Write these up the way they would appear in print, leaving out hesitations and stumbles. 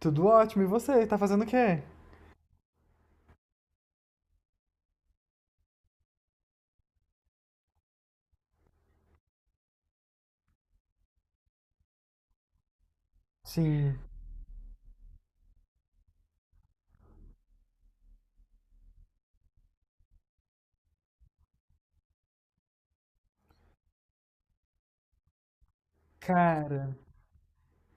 Tudo ótimo, e você? Tá fazendo o quê? Sim, cara,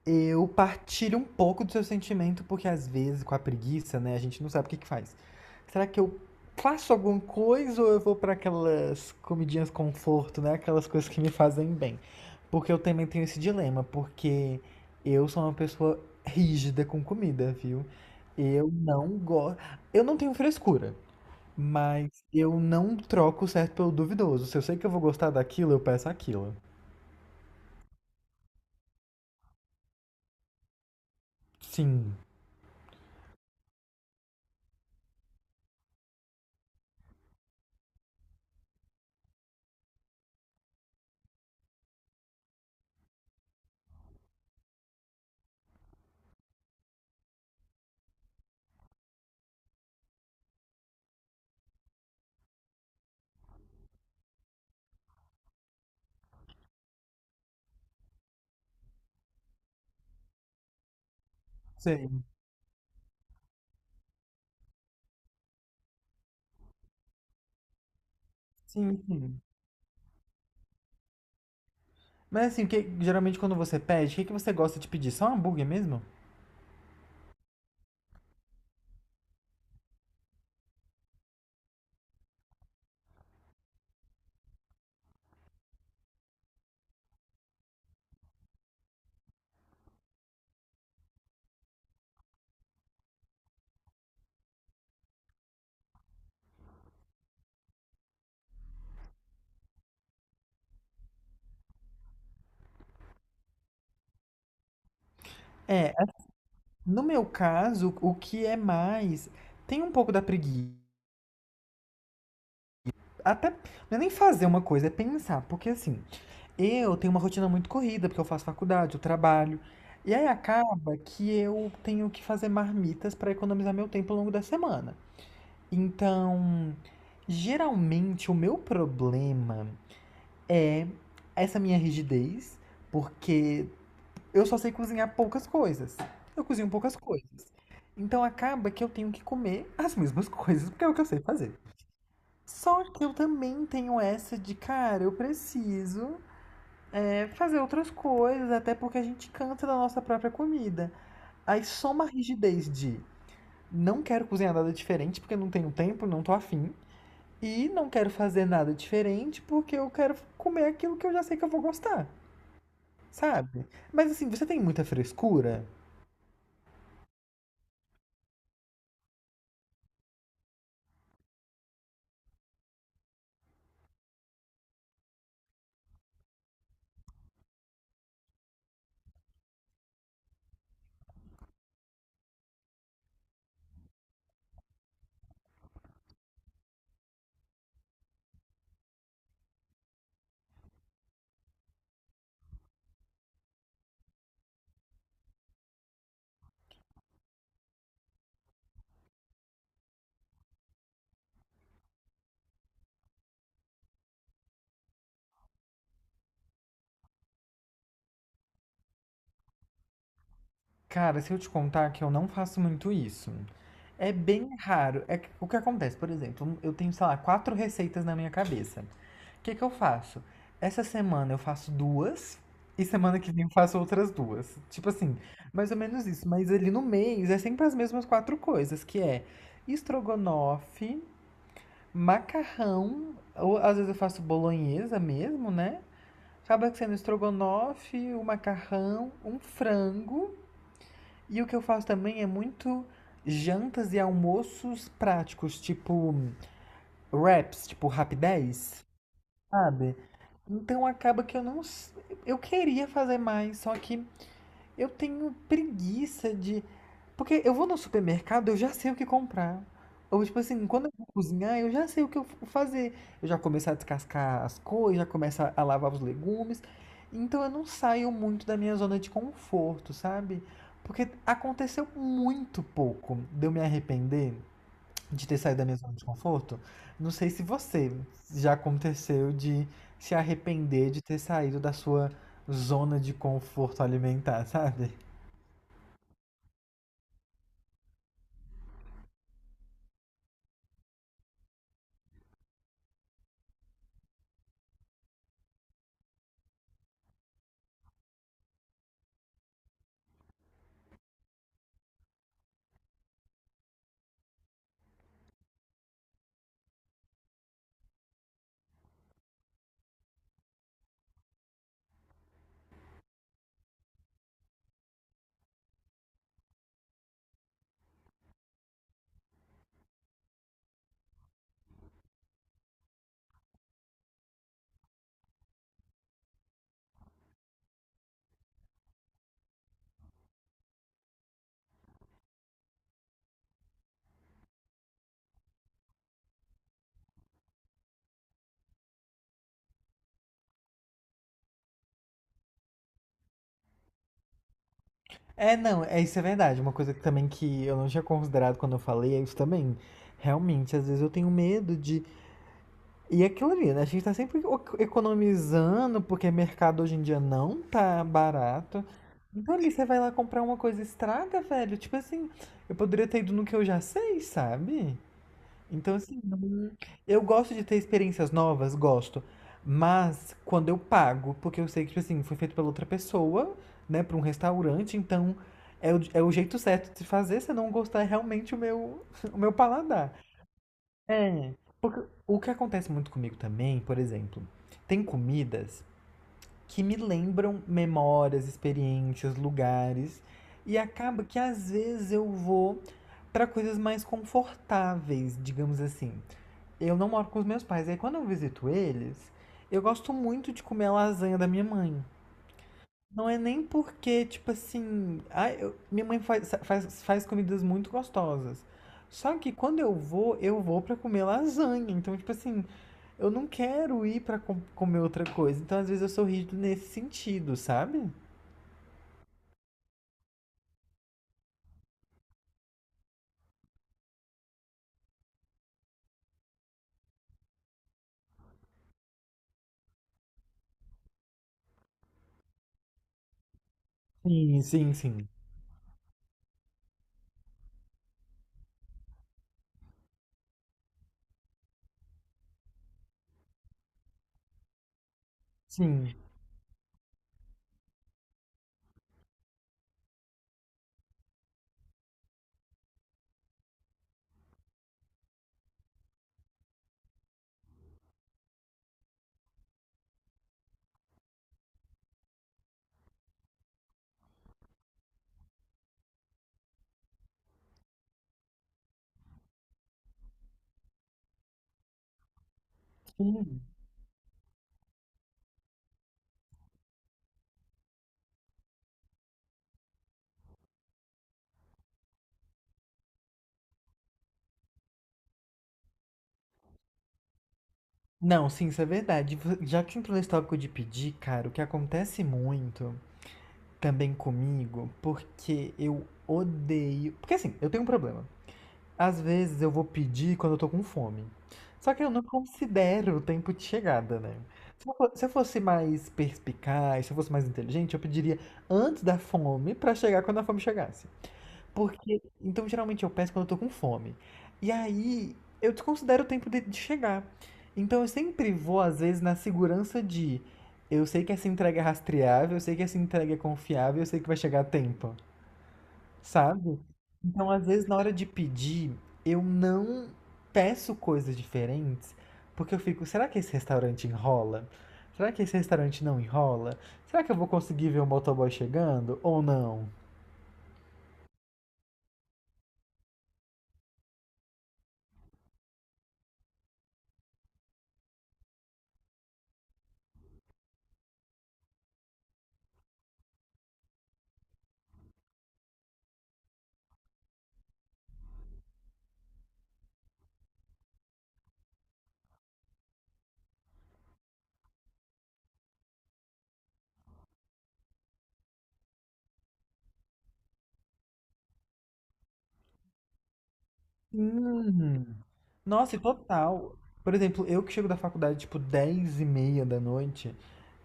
eu partilho um pouco do seu sentimento, porque às vezes com a preguiça, né, a gente não sabe o que que faz. Será que eu faço alguma coisa ou eu vou pra aquelas comidinhas conforto, né, aquelas coisas que me fazem bem? Porque eu também tenho esse dilema, porque eu sou uma pessoa rígida com comida, viu? Eu não gosto. Eu não tenho frescura. Mas eu não troco o certo pelo duvidoso. Se eu sei que eu vou gostar daquilo, eu peço aquilo. Sim. Sei. Sim, sim. Mas assim, o que, geralmente quando você pede, o que, que você gosta de pedir? Só um hambúrguer mesmo? É, no meu caso, o que é mais. Tem um pouco da preguiça. Até. Não é nem fazer uma coisa, é pensar. Porque assim, eu tenho uma rotina muito corrida, porque eu faço faculdade, eu trabalho. E aí acaba que eu tenho que fazer marmitas para economizar meu tempo ao longo da semana. Então, geralmente o meu problema é essa minha rigidez, porque eu só sei cozinhar poucas coisas. Eu cozinho poucas coisas. Então acaba que eu tenho que comer as mesmas coisas, porque é o que eu sei fazer. Só que eu também tenho essa de, cara, eu preciso é, fazer outras coisas, até porque a gente cansa da nossa própria comida. Aí soma a rigidez de não quero cozinhar nada diferente porque não tenho tempo, não tô afim. E não quero fazer nada diferente, porque eu quero comer aquilo que eu já sei que eu vou gostar, sabe? Mas assim, você tem muita frescura? Cara, se eu te contar que eu não faço muito isso. É bem raro. O que acontece, por exemplo, eu tenho, sei lá, quatro receitas na minha cabeça. O que que eu faço? Essa semana eu faço duas e semana que vem eu faço outras duas. Tipo assim, mais ou menos isso. Mas ali no mês é sempre as mesmas quatro coisas, que é estrogonofe, macarrão, ou às vezes eu faço bolonhesa mesmo, né? Acaba sendo estrogonofe, o macarrão, um frango. E o que eu faço também é muito jantas e almoços práticos, tipo wraps, tipo rapidez, sabe? Então acaba que eu não. Eu queria fazer mais, só que eu tenho preguiça de. Porque eu vou no supermercado, eu já sei o que comprar. Ou, tipo assim, quando eu vou cozinhar, eu já sei o que eu vou fazer. Eu já começo a descascar as coisas, já começo a lavar os legumes. Então eu não saio muito da minha zona de conforto, sabe? Porque aconteceu muito pouco de eu me arrepender de ter saído da minha zona de conforto. Não sei se você já aconteceu de se arrepender de ter saído da sua zona de conforto alimentar, sabe? É, não, é isso é verdade. Uma coisa que também que eu não tinha considerado quando eu falei é isso também. Realmente, às vezes eu tenho medo de. E é aquilo ali, né? A gente tá sempre economizando, porque mercado hoje em dia não tá barato. Então ali você vai lá comprar uma coisa e estraga, velho. Tipo assim, eu poderia ter ido no que eu já sei, sabe? Então, assim, não eu gosto de ter experiências novas, gosto. Mas quando eu pago, porque eu sei que, tipo assim, foi feito pela outra pessoa, né, pra um restaurante, então é o jeito certo de se fazer se eu não gostar é realmente o meu, o meu paladar. É. O que acontece muito comigo também, por exemplo, tem comidas que me lembram memórias, experiências, lugares. E acaba que às vezes eu vou para coisas mais confortáveis, digamos assim. Eu não moro com os meus pais, aí quando eu visito eles, eu gosto muito de comer a lasanha da minha mãe. Não é nem porque, tipo assim, ah, minha mãe faz comidas muito gostosas. Só que quando eu vou pra comer lasanha. Então, tipo assim, eu não quero ir pra comer outra coisa. Então, às vezes eu sou rígido nesse sentido, sabe? Sim, sim, sim. Sim, sim. Não, sim, isso é verdade. Já que entrou nesse tópico de pedir, cara, o que acontece muito também comigo, porque eu odeio. Porque assim, eu tenho um problema. Às vezes eu vou pedir quando eu tô com fome. Só que eu não considero o tempo de chegada, né? Se eu fosse mais perspicaz, se eu fosse mais inteligente, eu pediria antes da fome pra chegar quando a fome chegasse. Porque, então geralmente eu peço quando eu tô com fome. E aí eu desconsidero o tempo de chegar. Então eu sempre vou, às vezes, na segurança de eu sei que essa entrega é rastreável, eu sei que essa entrega é confiável, eu sei que vai chegar a tempo. Sabe? Então, às vezes, na hora de pedir, eu não peço coisas diferentes, porque eu fico, será que esse restaurante enrola? Será que esse restaurante não enrola? Será que eu vou conseguir ver o motoboy chegando ou não? Sim. Nossa, e total. Por exemplo, eu que chego da faculdade, tipo, 10h30 da noite,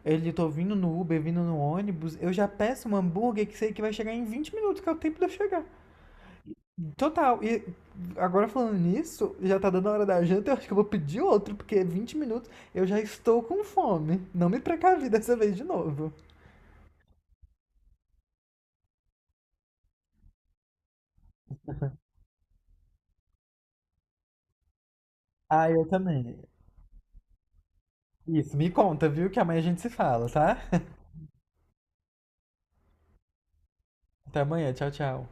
ele tô vindo no Uber, vindo no ônibus, eu já peço um hambúrguer que sei que vai chegar em 20 minutos, que é o tempo de eu chegar. Total. E agora falando nisso, já tá dando a hora da janta, eu acho que eu vou pedir outro, porque é 20 minutos eu já estou com fome. Não me precavi dessa vez de novo. Ah, eu também. Isso, me conta, viu? Que amanhã a gente se fala, tá? Até amanhã, tchau, tchau.